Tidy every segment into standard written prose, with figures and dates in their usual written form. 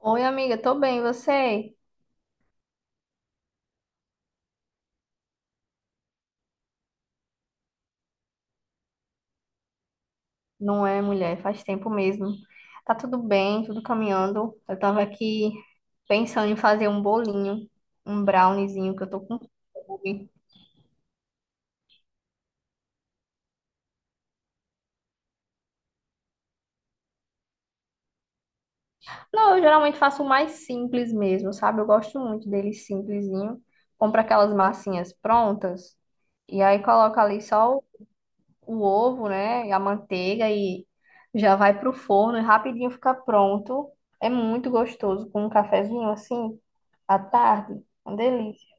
Oi, amiga, tô bem, e você? Não é, mulher, faz tempo mesmo. Tá tudo bem, tudo caminhando. Eu tava aqui pensando em fazer um bolinho, um browniezinho, que eu tô com fome. Não, eu geralmente faço o mais simples mesmo, sabe? Eu gosto muito dele simplesinho. Compro aquelas massinhas prontas e aí coloco ali só o ovo, né, e a manteiga e já vai pro forno e rapidinho fica pronto. É muito gostoso com um cafezinho assim à tarde, uma delícia.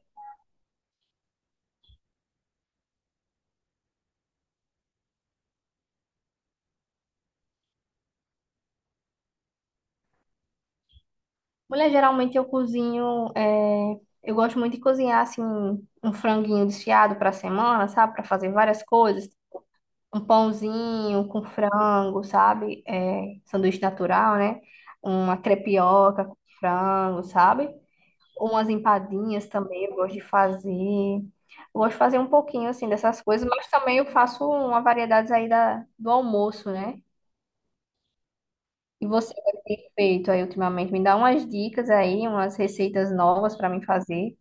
Mulher, geralmente eu cozinho, é, eu gosto muito de cozinhar assim um franguinho desfiado para semana, sabe, para fazer várias coisas, um pãozinho com frango, sabe, é, sanduíche natural, né, uma crepioca com frango, sabe? Umas empadinhas também eu gosto de fazer. Eu gosto de fazer um pouquinho assim dessas coisas, mas também eu faço uma variedade aí do almoço, né? E você o que tem feito aí ultimamente? Me dá umas dicas aí, umas receitas novas para mim fazer.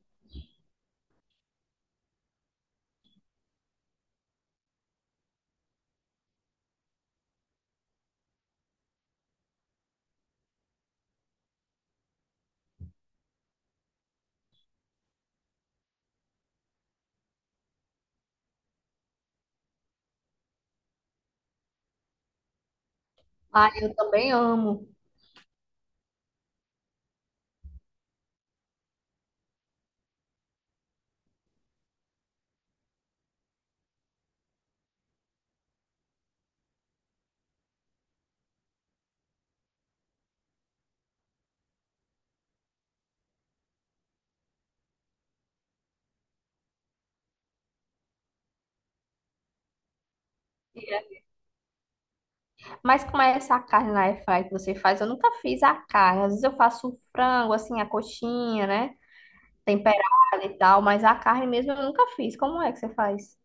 Ah, eu também amo. Mas como é essa carne na air fry que você faz? Eu nunca fiz a carne. Às vezes eu faço o frango, assim, a coxinha, né? Temperada e tal, mas a carne mesmo eu nunca fiz. Como é que você faz?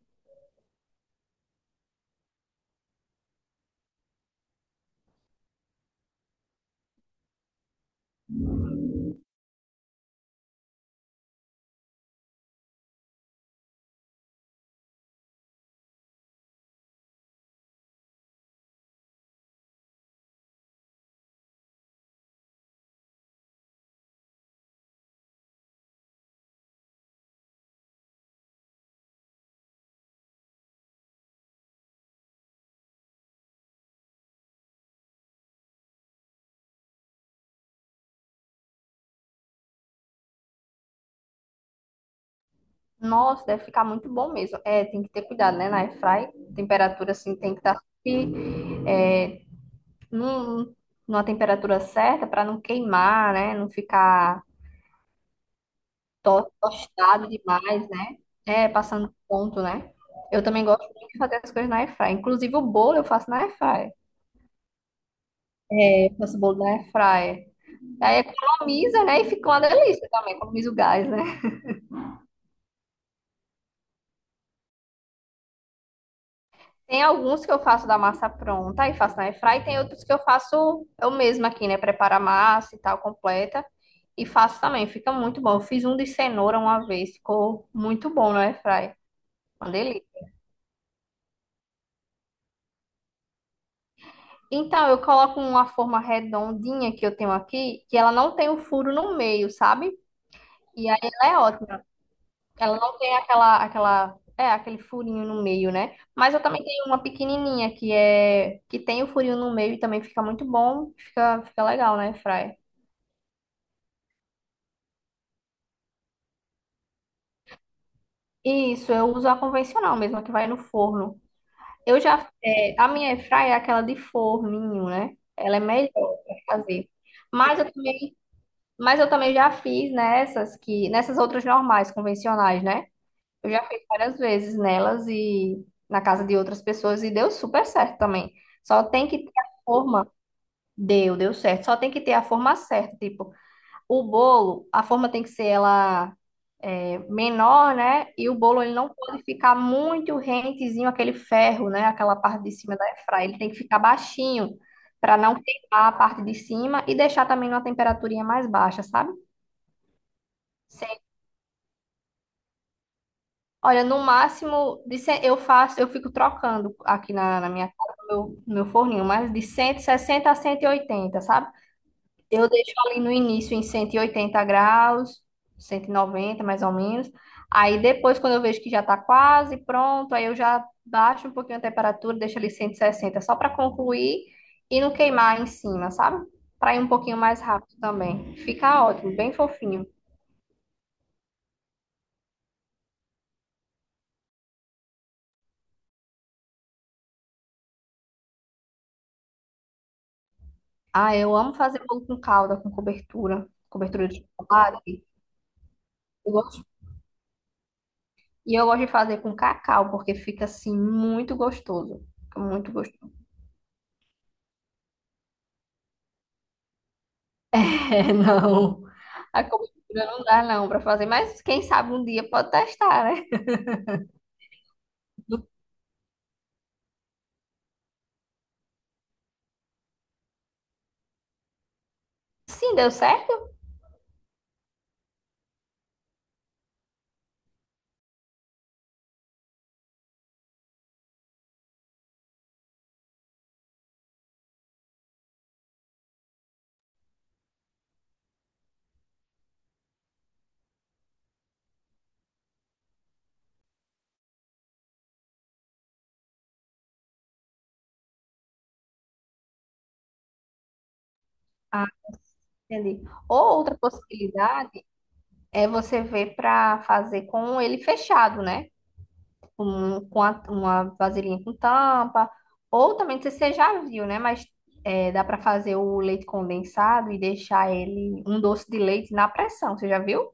Nossa, deve ficar muito bom mesmo. É, tem que ter cuidado, né? Na airfry, temperatura assim tem que estar sempre, é, num- numa temperatura certa para não queimar, né? Não ficar tostado demais, né? É, passando do ponto, né? Eu também gosto muito de fazer as coisas na airfry. Inclusive o bolo eu faço na airfry. Eu faço bolo na airfry. Aí economiza, né? E fica uma delícia também, economiza o gás, né? Tem alguns que eu faço da massa pronta e faço na airfry, e tem outros que eu faço eu mesma aqui, né? Preparo a massa e tal, completa. E faço também, fica muito bom. Eu fiz um de cenoura uma vez, ficou muito bom no airfry. Uma delícia. Então, eu coloco uma forma redondinha que eu tenho aqui, que ela não tem o furo no meio, sabe? E aí ela é ótima. Ela não tem aquela, é, aquele furinho no meio, né? Mas eu também tenho uma pequenininha que é, que tem o furinho no meio e também fica muito bom, fica legal, né, Fry? Isso, eu uso a convencional mesmo, a que vai no forno. Eu já, é, a minha airfryer é aquela de forninho, né? Ela é melhor para fazer. Mas eu também, mas eu também já fiz nessas outras normais, convencionais, né? Eu já fiz várias vezes nelas e na casa de outras pessoas e deu super certo também. Só tem que ter a forma. Deu certo. Só tem que ter a forma certa, tipo, o bolo, a forma tem que ser ela menor, né? E o bolo ele não pode ficar muito rentezinho aquele ferro, né? Aquela parte de cima da airfryer, ele tem que ficar baixinho para não queimar a parte de cima e deixar também numa temperaturinha mais baixa, sabe? Sim. Olha, no máximo de cem- eu faço, eu fico trocando aqui na minha casa, no meu forninho, mas de 160 a 180, sabe? Eu deixo ali no início em 180 graus, 190 mais ou menos. Aí depois, quando eu vejo que já tá quase pronto, aí eu já baixo um pouquinho a temperatura, deixo ali 160, só para concluir e não queimar em cima, sabe? Para ir um pouquinho mais rápido também. Fica ótimo, bem fofinho. Ah, eu amo fazer bolo com calda, com cobertura, cobertura de chocolate. Eu gosto- E eu gosto de fazer com cacau, porque fica assim muito gostoso. Fica muito gostoso. É, não. A cobertura não dá, não, para fazer. Mas quem sabe um dia pode testar, né? Sim, deu certo? Ah, entendi. Ou outra possibilidade é você ver para fazer com ele fechado, né? Com, uma vasilhinha com tampa. Ou também, não sei se você já viu, né? Mas é, dá para fazer o leite condensado e deixar ele um doce de leite na pressão. Você já viu?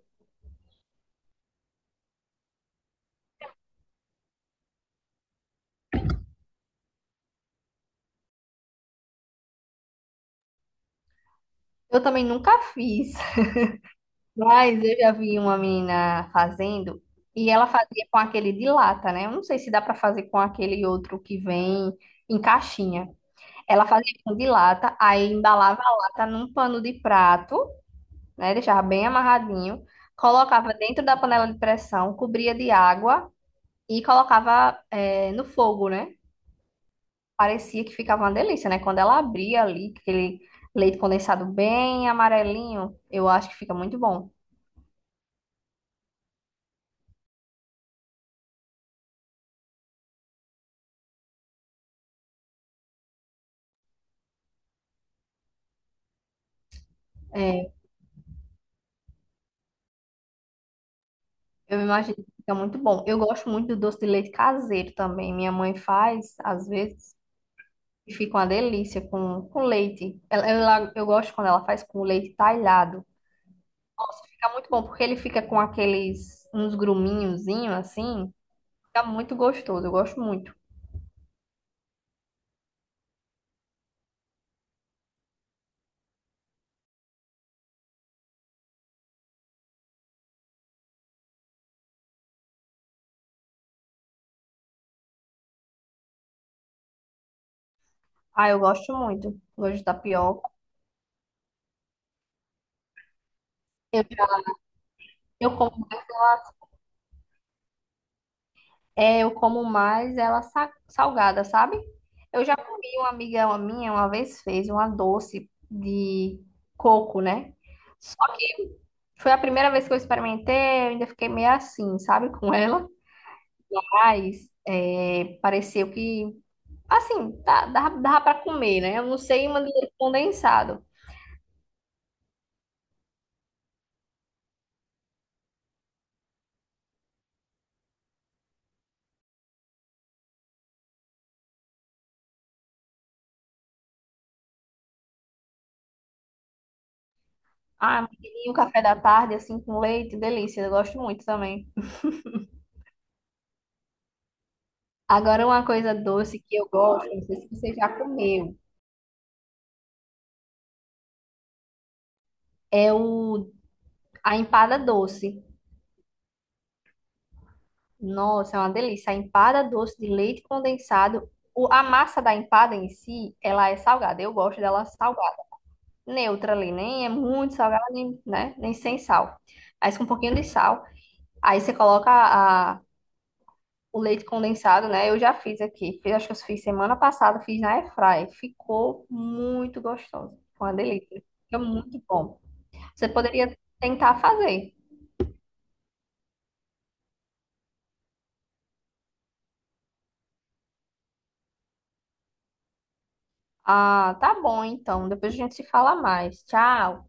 Eu também nunca fiz. Mas eu já vi uma menina fazendo e ela fazia com aquele de lata, né? Eu não sei se dá pra fazer com aquele outro que vem em caixinha. Ela fazia com de lata, aí embalava a lata num pano de prato, né? Deixava bem amarradinho, colocava dentro da panela de pressão, cobria de água e colocava no fogo, né? Parecia que ficava uma delícia, né? Quando ela abria ali, aquele leite condensado bem amarelinho, eu acho que fica muito bom. É, eu imagino que fica muito bom. Eu gosto muito do doce de leite caseiro também. Minha mãe faz, às vezes, e fica uma delícia com leite. Eu gosto quando ela faz com leite talhado. Nossa, fica muito bom, porque ele fica com uns gruminhozinhos assim. Fica muito gostoso, eu gosto muito. Ah, eu gosto muito. Gosto de tapioca. Eu, já- eu eu como mais ela salgada, sabe? Eu já comi, uma amiga minha uma vez fez uma doce de coco, né? Só que foi a primeira vez que eu experimentei, eu ainda fiquei meio assim, sabe, com ela. Mas é, pareceu que, assim, dava pra comer, né? Eu não sei, uma de leite condensado. Ah, um café da tarde, assim, com leite, delícia, eu gosto muito também. Agora, uma coisa doce que eu gosto, não sei se você já comeu, é o a empada doce. Nossa, é uma delícia. A empada doce de leite condensado. A massa da empada em si, ela é salgada. Eu gosto dela salgada. Neutra ali, nem é muito salgada, nem, né? Nem sem sal. Mas com um pouquinho de sal. Aí você coloca o leite condensado, né? Eu já fiz aqui. Fiz, acho que eu fiz semana passada, fiz na airfryer. Ficou muito gostoso. Foi uma delícia. Fica muito bom. Você poderia tentar fazer. Ah, tá bom então. Depois a gente se fala mais. Tchau.